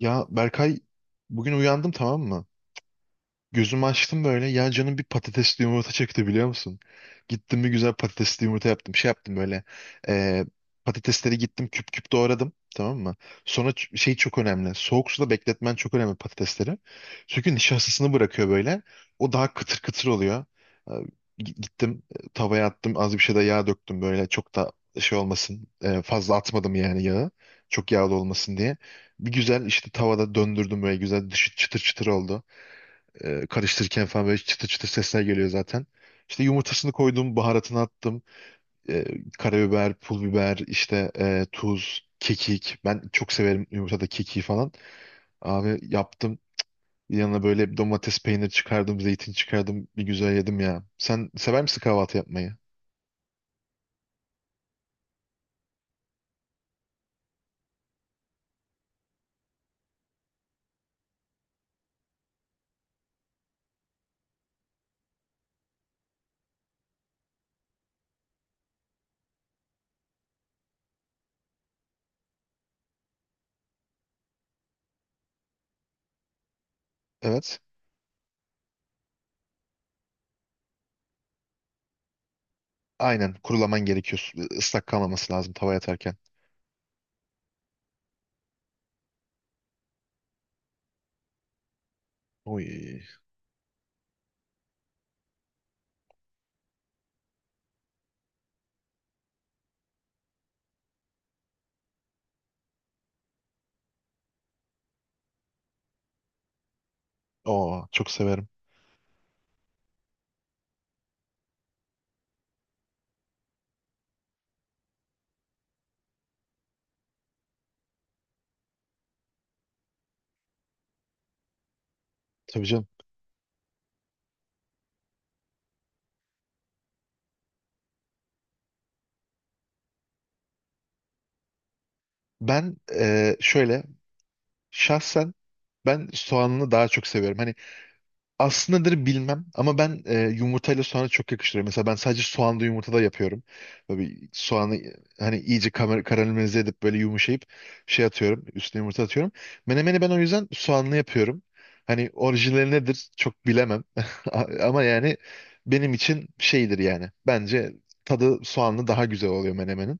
Ya Berkay, bugün uyandım, tamam mı? Gözümü açtım böyle. Ya canım bir patatesli yumurta çekti, biliyor musun? Gittim bir güzel patatesli yumurta yaptım. Şey yaptım böyle. eee, Patatesleri gittim küp küp doğradım. Tamam mı? Sonra şey çok önemli. Soğuk suda bekletmen çok önemli, patatesleri. Çünkü nişastasını bırakıyor böyle. O daha kıtır kıtır oluyor. Ee, Gittim tavaya attım. Az bir şey de yağ döktüm böyle. Çok da şey olmasın. Fazla atmadım yani yağı. Çok yağlı olmasın diye. Bir güzel işte tavada döndürdüm böyle, güzel, dışı çıtır çıtır oldu. Karıştırırken falan böyle çıtır çıtır sesler geliyor zaten. İşte yumurtasını koydum, baharatını attım. E, Karabiber, pul biber, işte tuz, kekik. Ben çok severim yumurtada kekiği falan. Abi, yaptım. Yanına böyle bir domates, peynir çıkardım, zeytin çıkardım. Bir güzel yedim ya. Sen sever misin kahvaltı yapmayı? Evet. Aynen. Kurulaman gerekiyor. Islak kalmaması lazım tavaya atarken. Oy. Oo, çok severim. Tabii canım. Ben şöyle, şahsen ben soğanını daha çok seviyorum. Hani aslındadır bilmem ama ben yumurtayla soğanı çok yakıştırıyorum. Mesela ben sadece soğanlı yumurta da yapıyorum. Böyle bir soğanı hani iyice karamelize edip böyle yumuşayıp şey atıyorum. Üstüne yumurta atıyorum. Menemeni ben o yüzden soğanlı yapıyorum. Hani orijinali nedir çok bilemem. Ama yani benim için şeydir yani. Bence tadı soğanlı daha güzel oluyor menemenin.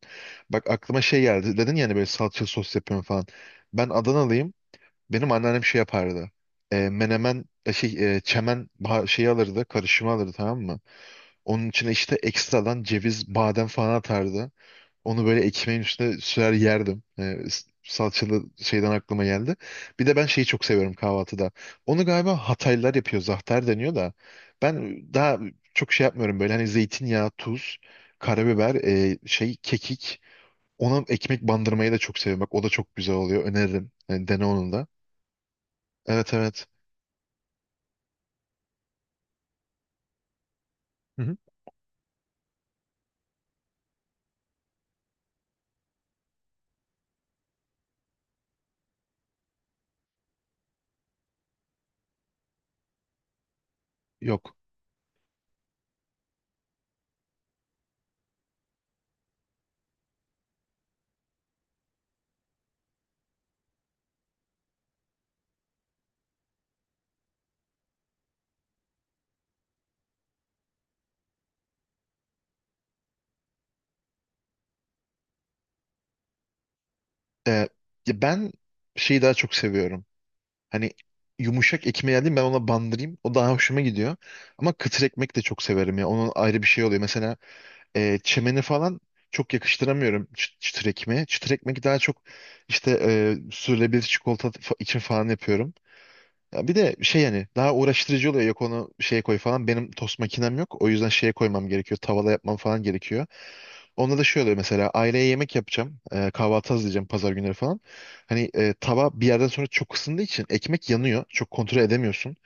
Bak aklıma şey geldi. Dedin yani böyle salça sos yapıyorum falan. Ben Adanalıyım. Benim anneannem şey yapardı. Menemen şey çemen şeyi alırdı, karışımı alırdı, tamam mı? Onun içine işte ekstradan ceviz, badem falan atardı. Onu böyle ekmeğin üstüne sürer yerdim. Salçalı şeyden aklıma geldi. Bir de ben şeyi çok seviyorum kahvaltıda. Onu galiba Hataylılar yapıyor, zahter deniyor da. Ben daha çok şey yapmıyorum, böyle hani zeytinyağı, tuz, karabiber, şey, kekik. Ona ekmek bandırmayı da çok seviyorum. Bak, o da çok güzel oluyor. Öneririm. Yani dene onun da. Evet, evet. Hı hı. Yok. Ee, Ya ben şeyi daha çok seviyorum. Hani yumuşak ekmeği alayım ben, ona bandırayım. O daha hoşuma gidiyor. Ama kıtır ekmek de çok severim ya. Onun ayrı bir şey oluyor. Mesela çemeni falan çok yakıştıramıyorum çıtır ekmeğe. Çıtır ekmek daha çok işte sürülebilir çikolata için falan yapıyorum. Ya bir de şey, yani daha uğraştırıcı oluyor. Yok, onu şeye koy falan. Benim tost makinem yok. O yüzden şeye koymam gerekiyor. Tavada yapmam falan gerekiyor. Onda da şey oluyor, mesela aileye yemek yapacağım. Kahvaltı hazırlayacağım pazar günleri falan. Hani tava bir yerden sonra çok ısındığı için ekmek yanıyor. Çok kontrol edemiyorsun.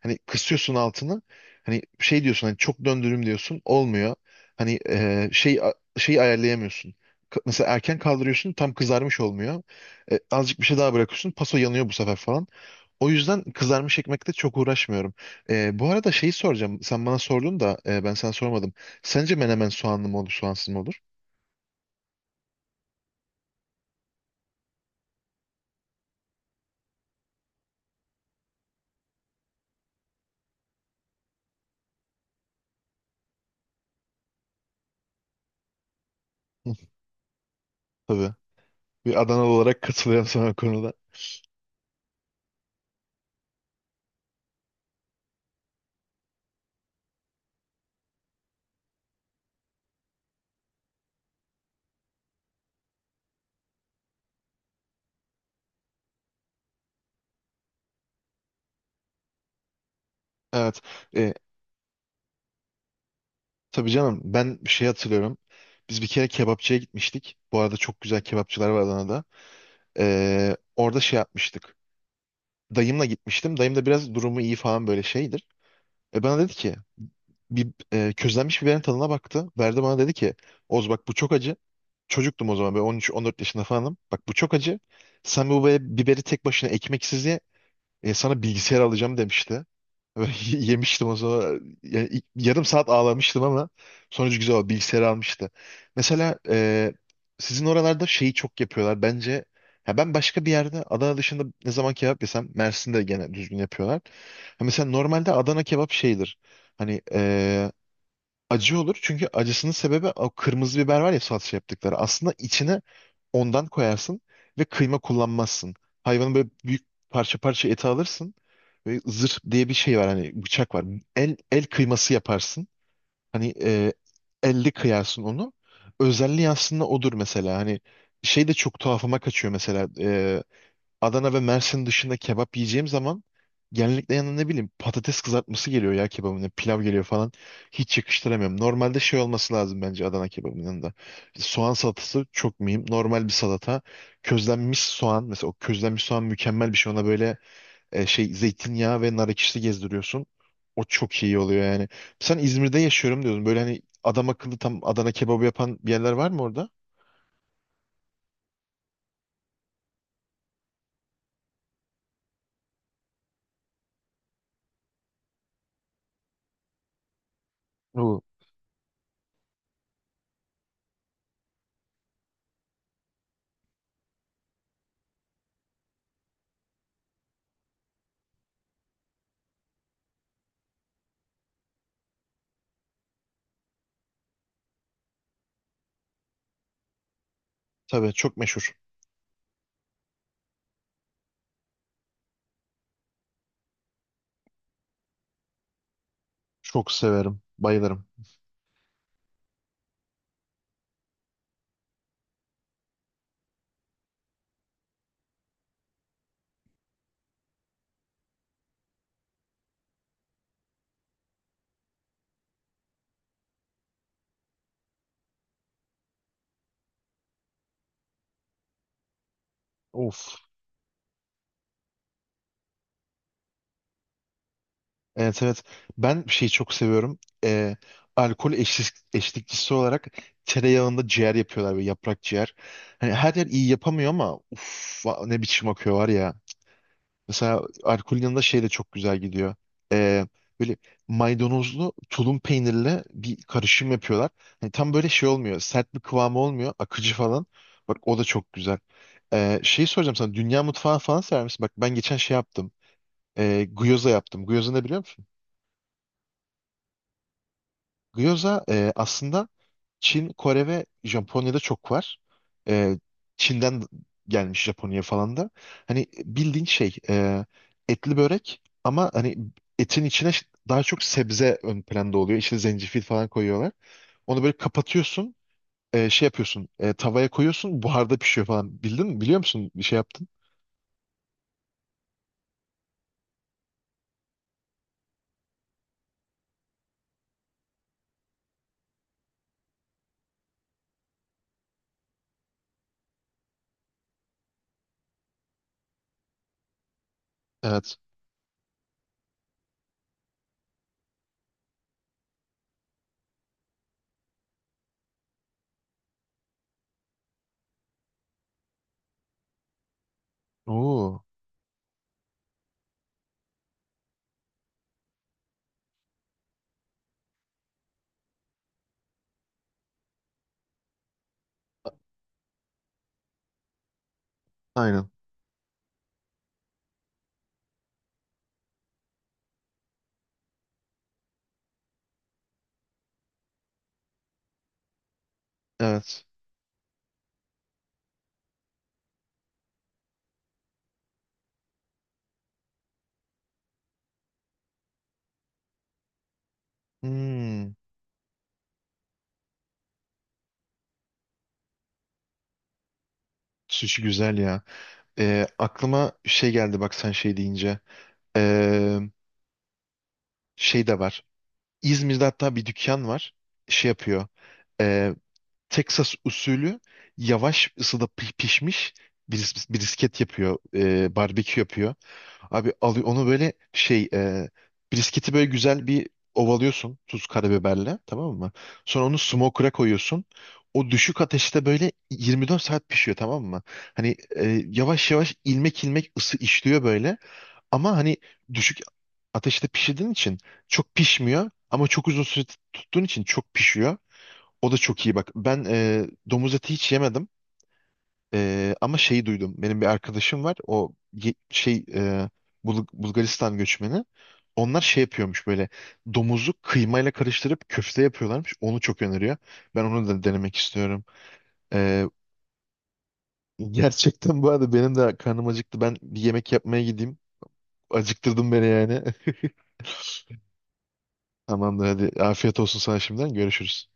Hani kısıyorsun altını. Hani şey diyorsun, hani çok döndürüm diyorsun. Olmuyor. Hani şey şeyi ayarlayamıyorsun. Mesela erken kaldırıyorsun, tam kızarmış olmuyor. Azıcık bir şey daha bırakıyorsun. Paso yanıyor bu sefer falan. O yüzden kızarmış ekmekte çok uğraşmıyorum. Bu arada şeyi soracağım. Sen bana sordun da ben sana sormadım. Sence menemen soğanlı mı olur, soğansız mı olur? Hı. Tabii. Bir Adanalı olarak katılıyorum sana o konuda. Evet. E, tabii canım, ben bir şey hatırlıyorum. Biz bir kere kebapçıya gitmiştik. Bu arada çok güzel kebapçılar var Adana'da. Orada şey yapmıştık. Dayımla gitmiştim. Dayım da biraz durumu iyi falan, böyle şeydir. Bana dedi ki bir közlenmiş biberin tadına baktı. Verdi bana, dedi ki: "Oz, bak bu çok acı." Çocuktum o zaman, böyle 13-14 yaşında falanım. "Bak, bu çok acı. Sen bu biberi tek başına ekmeksiz ye. Sana bilgisayar alacağım," demişti. Yemiştim o zaman. Yani yarım saat ağlamıştım ama sonucu güzel oldu. Bilgisayarı almıştı. Mesela sizin oralarda şeyi çok yapıyorlar. Bence, ya, ben başka bir yerde, Adana dışında, ne zaman kebap yesem Mersin'de gene düzgün yapıyorlar. Ha, mesela normalde Adana kebap şeydir. Hani acı olur, çünkü acısının sebebi o kırmızı biber var ya, salça yaptıkları. Aslında içine ondan koyarsın ve kıyma kullanmazsın. Hayvanın böyle büyük parça parça eti alırsın. Ve zırh diye bir şey var, hani bıçak var. El el kıyması yaparsın. Hani elle kıyarsın onu. Özelliği aslında odur mesela. Hani şey de çok tuhafıma kaçıyor mesela. Adana ve Mersin dışında kebap yiyeceğim zaman genellikle yanına ne bileyim patates kızartması geliyor ya, kebabına pilav geliyor falan. Hiç yakıştıramıyorum. Normalde şey olması lazım bence Adana kebabının yanında. İşte soğan salatası çok mühim. Normal bir salata. Közlenmiş soğan mesela, o közlenmiş soğan mükemmel bir şey. Ona böyle şey, zeytinyağı ve nar ekşisi gezdiriyorsun. O çok iyi oluyor yani. Sen İzmir'de yaşıyorum diyordun. Böyle hani adam akıllı tam Adana kebabı yapan bir yerler var mı orada? Oo. Tabii, çok meşhur. Çok severim. Bayılırım. Of. Evet, evet. Ben şeyi çok seviyorum. Alkol eşlikçisi olarak tereyağında ciğer yapıyorlar, böyle yaprak ciğer. Hani her yer iyi yapamıyor ama uf, ne biçim akıyor var ya. Mesela alkolün yanında şey de çok güzel gidiyor. Ee, Böyle maydanozlu tulum peynirle bir karışım yapıyorlar. Hani tam böyle şey olmuyor. Sert bir kıvamı olmuyor. Akıcı falan. Bak, o da çok güzel. Şeyi soracağım sana. Dünya mutfağı falan sever misin? Bak, ben geçen şey yaptım. Gyoza yaptım. Gyoza ne, biliyor musun? Gyoza aslında Çin, Kore ve Japonya'da çok var. E, Çin'den gelmiş Japonya falan da. Hani bildiğin şey, etli börek ama hani etin içine daha çok sebze ön planda oluyor. İçine zencefil falan koyuyorlar. Onu böyle kapatıyorsun. Şey yapıyorsun. Tavaya koyuyorsun. Buharda pişiyor falan. Bildin mi? Biliyor musun? Bir şey yaptın. Evet. Oo. Aynen. Evet. Hmm. Sushi güzel ya. Aklıma şey geldi, bak, sen şey deyince. Ee, Şey de var. İzmir'de hatta bir dükkan var. Şey yapıyor. Ee, Texas usulü yavaş ısıda pişmiş brisket yapıyor. Barbekü yapıyor. Abi, alıyor onu böyle şey, brisketi böyle güzel bir ovalıyorsun tuz karabiberle, tamam mı? Sonra onu smoker'a koyuyorsun. O düşük ateşte böyle 24 saat pişiyor, tamam mı? Hani yavaş yavaş ilmek ilmek ısı işliyor böyle. Ama hani düşük ateşte pişirdiğin için çok pişmiyor ama çok uzun süre tuttuğun için çok pişiyor. O da çok iyi, bak. Ben domuz eti hiç yemedim. Ama şeyi duydum. Benim bir arkadaşım var. O, şey, Bulgaristan göçmeni. Onlar şey yapıyormuş böyle, domuzu kıymayla karıştırıp köfte yapıyorlarmış. Onu çok öneriyor. Ben onu da denemek istiyorum. E, Gerçekten bu arada benim de karnım acıktı. Ben bir yemek yapmaya gideyim. Acıktırdın beni yani. Tamamdır, hadi. Afiyet olsun sana şimdiden. Görüşürüz.